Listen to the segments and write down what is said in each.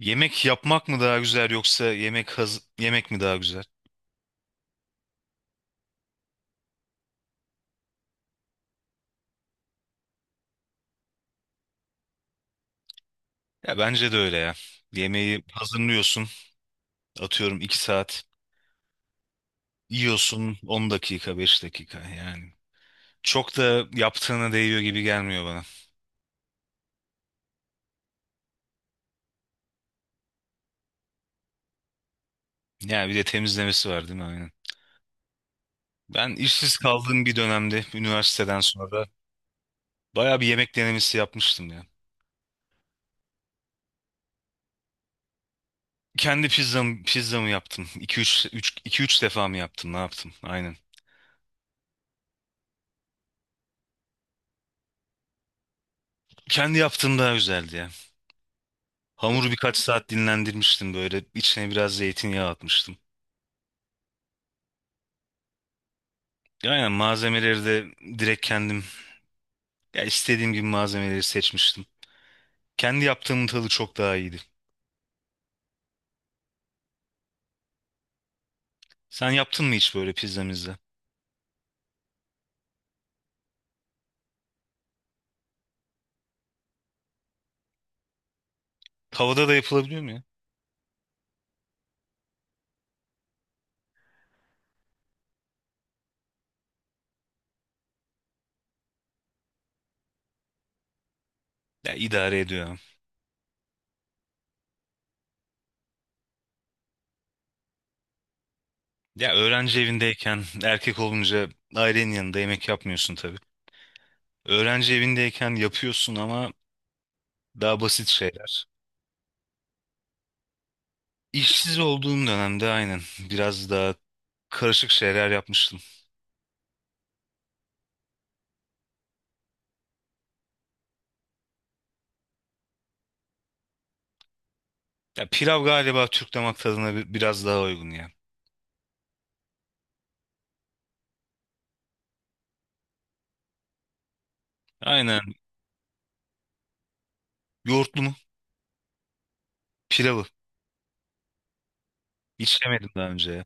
Yemek yapmak mı daha güzel yoksa yemek yemek mi daha güzel? Ya bence de öyle ya. Yemeği hazırlıyorsun, atıyorum 2 saat, yiyorsun 10 dakika, 5 dakika yani. Çok da yaptığına değiyor gibi gelmiyor bana. Ya bir de temizlemesi var değil mi? Aynen. Ben işsiz kaldığım bir dönemde üniversiteden sonra bayağı bir yemek denemesi yapmıştım ya. Kendi pizzamı yaptım. 2 üç üç iki üç defa mı yaptım? Ne yaptım? Aynen. Kendi yaptığım daha güzeldi ya. Hamuru birkaç saat dinlendirmiştim böyle. İçine biraz zeytinyağı atmıştım. Aynen malzemeleri de direkt kendim ya istediğim gibi malzemeleri seçmiştim. Kendi yaptığımın tadı çok daha iyiydi. Sen yaptın mı hiç böyle pizzamızda? Tavada da yapılabiliyor mu ya? Ya idare ediyor. Ya öğrenci evindeyken erkek olunca ailenin yanında yemek yapmıyorsun tabii. Öğrenci evindeyken yapıyorsun ama daha basit şeyler. İşsiz olduğum dönemde aynen biraz daha karışık şeyler yapmıştım. Ya pilav galiba Türk damak tadına biraz daha uygun ya. Aynen. Yoğurtlu mu? Pilavı. Hiç yemedim daha önce ya.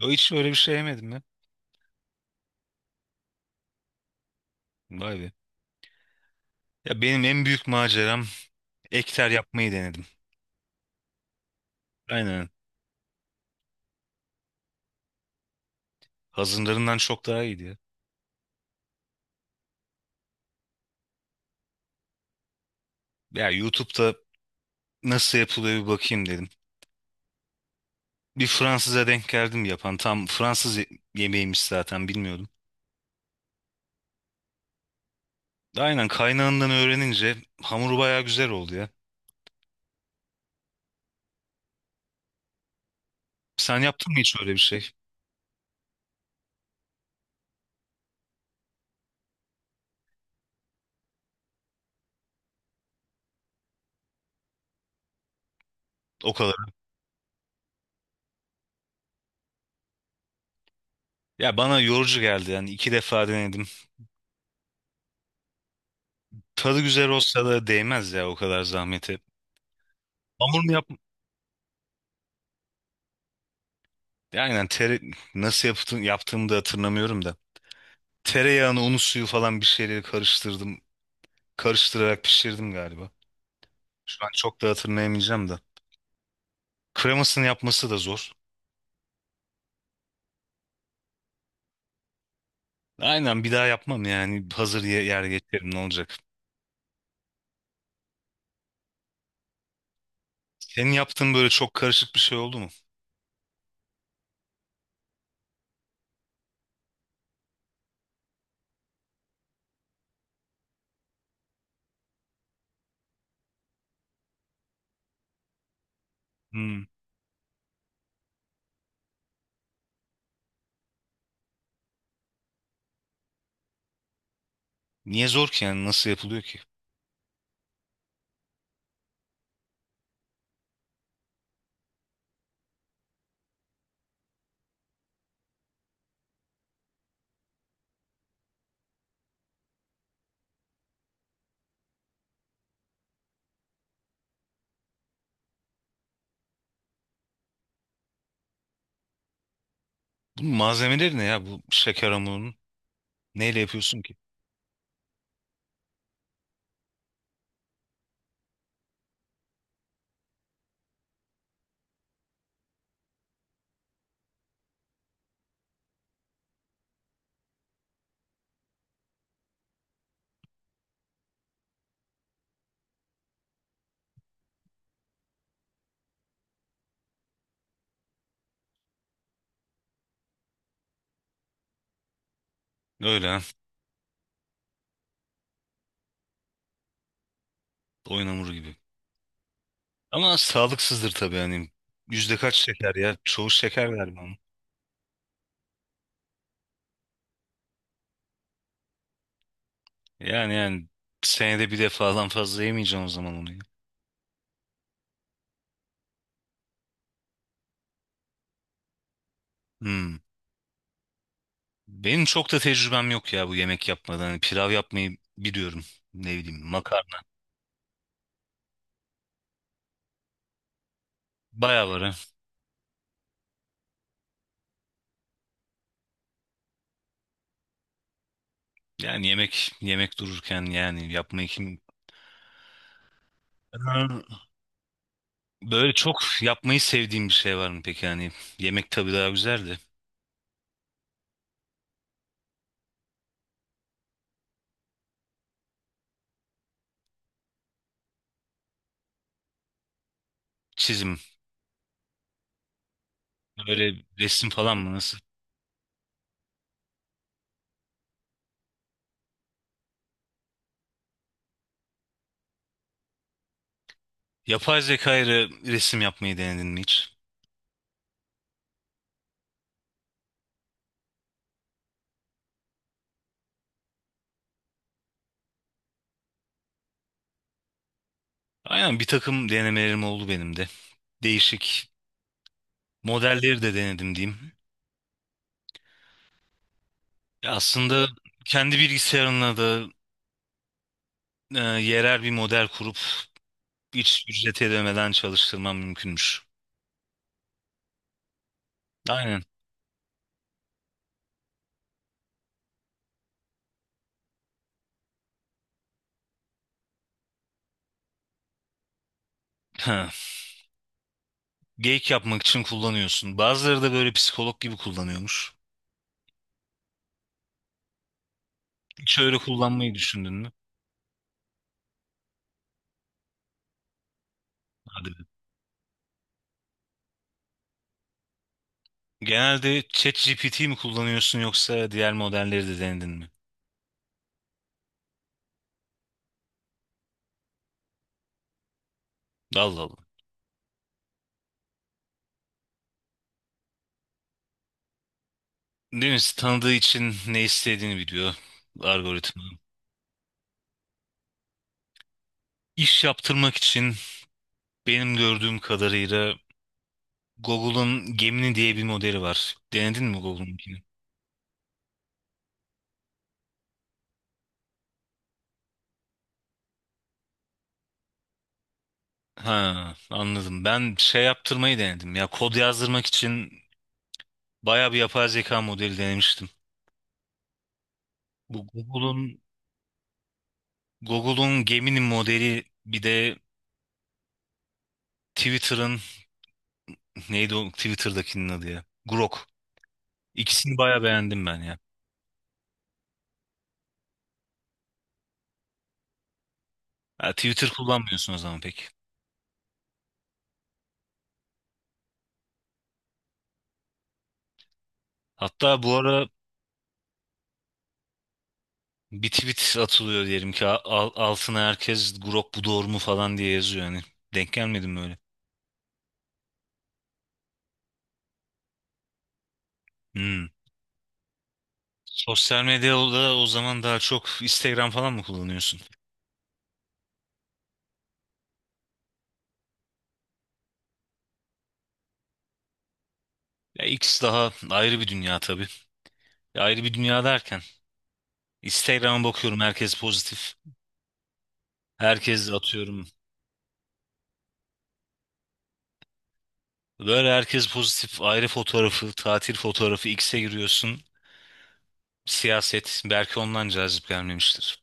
Yo, hiç öyle bir şey yemedim ya. Vay be. Ya benim en büyük maceram ekter yapmayı denedim. Aynen. Hazırlarından çok daha iyiydi ya. Ya YouTube'da nasıl yapılıyor bir bakayım dedim. Bir Fransız'a denk geldim yapan. Tam Fransız yemeğiymiş zaten bilmiyordum. Aynen kaynağından öğrenince hamuru bayağı güzel oldu ya. Sen yaptın mı hiç öyle bir şey? O kadar. Ya bana yorucu geldi yani iki defa denedim. Tadı güzel olsa da değmez ya o kadar zahmete. Hamur mu yap? Aynen nasıl yaptığımı da hatırlamıyorum da. Tereyağını, unu, suyu falan bir şeyleri karıştırdım. Karıştırarak pişirdim galiba. Şu an çok da hatırlayamayacağım da. Kremasını yapması da zor. Aynen bir daha yapmam yani. Hazır yer geçerim ne olacak. Senin yaptığın böyle çok karışık bir şey oldu mu? Hmm. Niye zor ki yani nasıl yapılıyor ki? Bunun malzemeleri ne ya bu şeker hamurunun? Neyle yapıyorsun ki? Öyle ha. Oyun hamuru gibi. Ama sağlıksızdır tabii hani. Yüzde kaç şeker ya? Çoğu şeker galiba onun. Yani senede bir defadan fazla yemeyeceğim o zaman onu, ya. Hmm. Benim çok da tecrübem yok ya bu yemek yapmadan. Hani pilav yapmayı biliyorum. Ne bileyim makarna. Bayağı var ha. Yani yemek yemek dururken yani yapmayı kim... Ha, böyle çok yapmayı sevdiğim bir şey var mı peki? Yani yemek tabii daha güzel de. Çizim. Böyle resim falan mı nasıl? Yapay zeka ile resim yapmayı denedin mi hiç? Aynen bir takım denemelerim oldu benim de. Değişik modelleri de denedim diyeyim. Ya aslında kendi bilgisayarına da e, yerel bir model kurup hiç ücret ödemeden çalıştırmam mümkünmüş. Aynen. Ha. Geyik yapmak için kullanıyorsun. Bazıları da böyle psikolog gibi kullanıyormuş. Hiç öyle kullanmayı düşündün mü? Hadi be. Genelde ChatGPT mi kullanıyorsun yoksa diğer modelleri de denedin mi? Allah Allah. Değil mi? Tanıdığı için ne istediğini biliyor algoritma. İş yaptırmak için benim gördüğüm kadarıyla Google'ın Gemini diye bir modeli var. Denedin mi Google'un Gemini? Ha, anladım. Ben şey yaptırmayı denedim. Ya kod yazdırmak için bayağı bir yapay zeka modeli denemiştim. Bu Google'un Gemini modeli, bir de Twitter'ın neydi o Twitter'dakinin adı ya? Grok. İkisini bayağı beğendim ben ya. Ha, Twitter kullanmıyorsun o zaman pek. Hatta bu ara bir tweet atılıyor diyelim ki, altına herkes Grok bu doğru mu falan diye yazıyor yani. Denk gelmedim böyle. Hmm. Sosyal medyada o zaman daha çok Instagram falan mı kullanıyorsun? Ya X daha ayrı bir dünya tabii. Ya ayrı bir dünya derken Instagram'a bakıyorum herkes pozitif. Herkes atıyorum. Böyle herkes pozitif ayrı fotoğrafı, tatil fotoğrafı X'e giriyorsun. Siyaset belki ondan cazip gelmemiştir.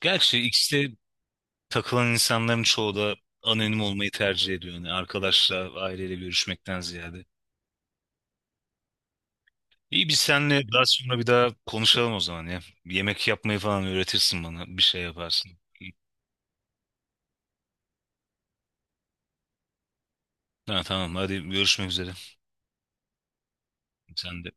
Gerçi X'te takılan insanların çoğu da anonim olmayı tercih ediyor. Yani arkadaşla, aileyle görüşmekten ziyade. İyi biz seninle daha sonra bir daha konuşalım o zaman ya. Yemek yapmayı falan öğretirsin bana. Bir şey yaparsın. Ha, tamam, hadi görüşmek üzere. Sen de.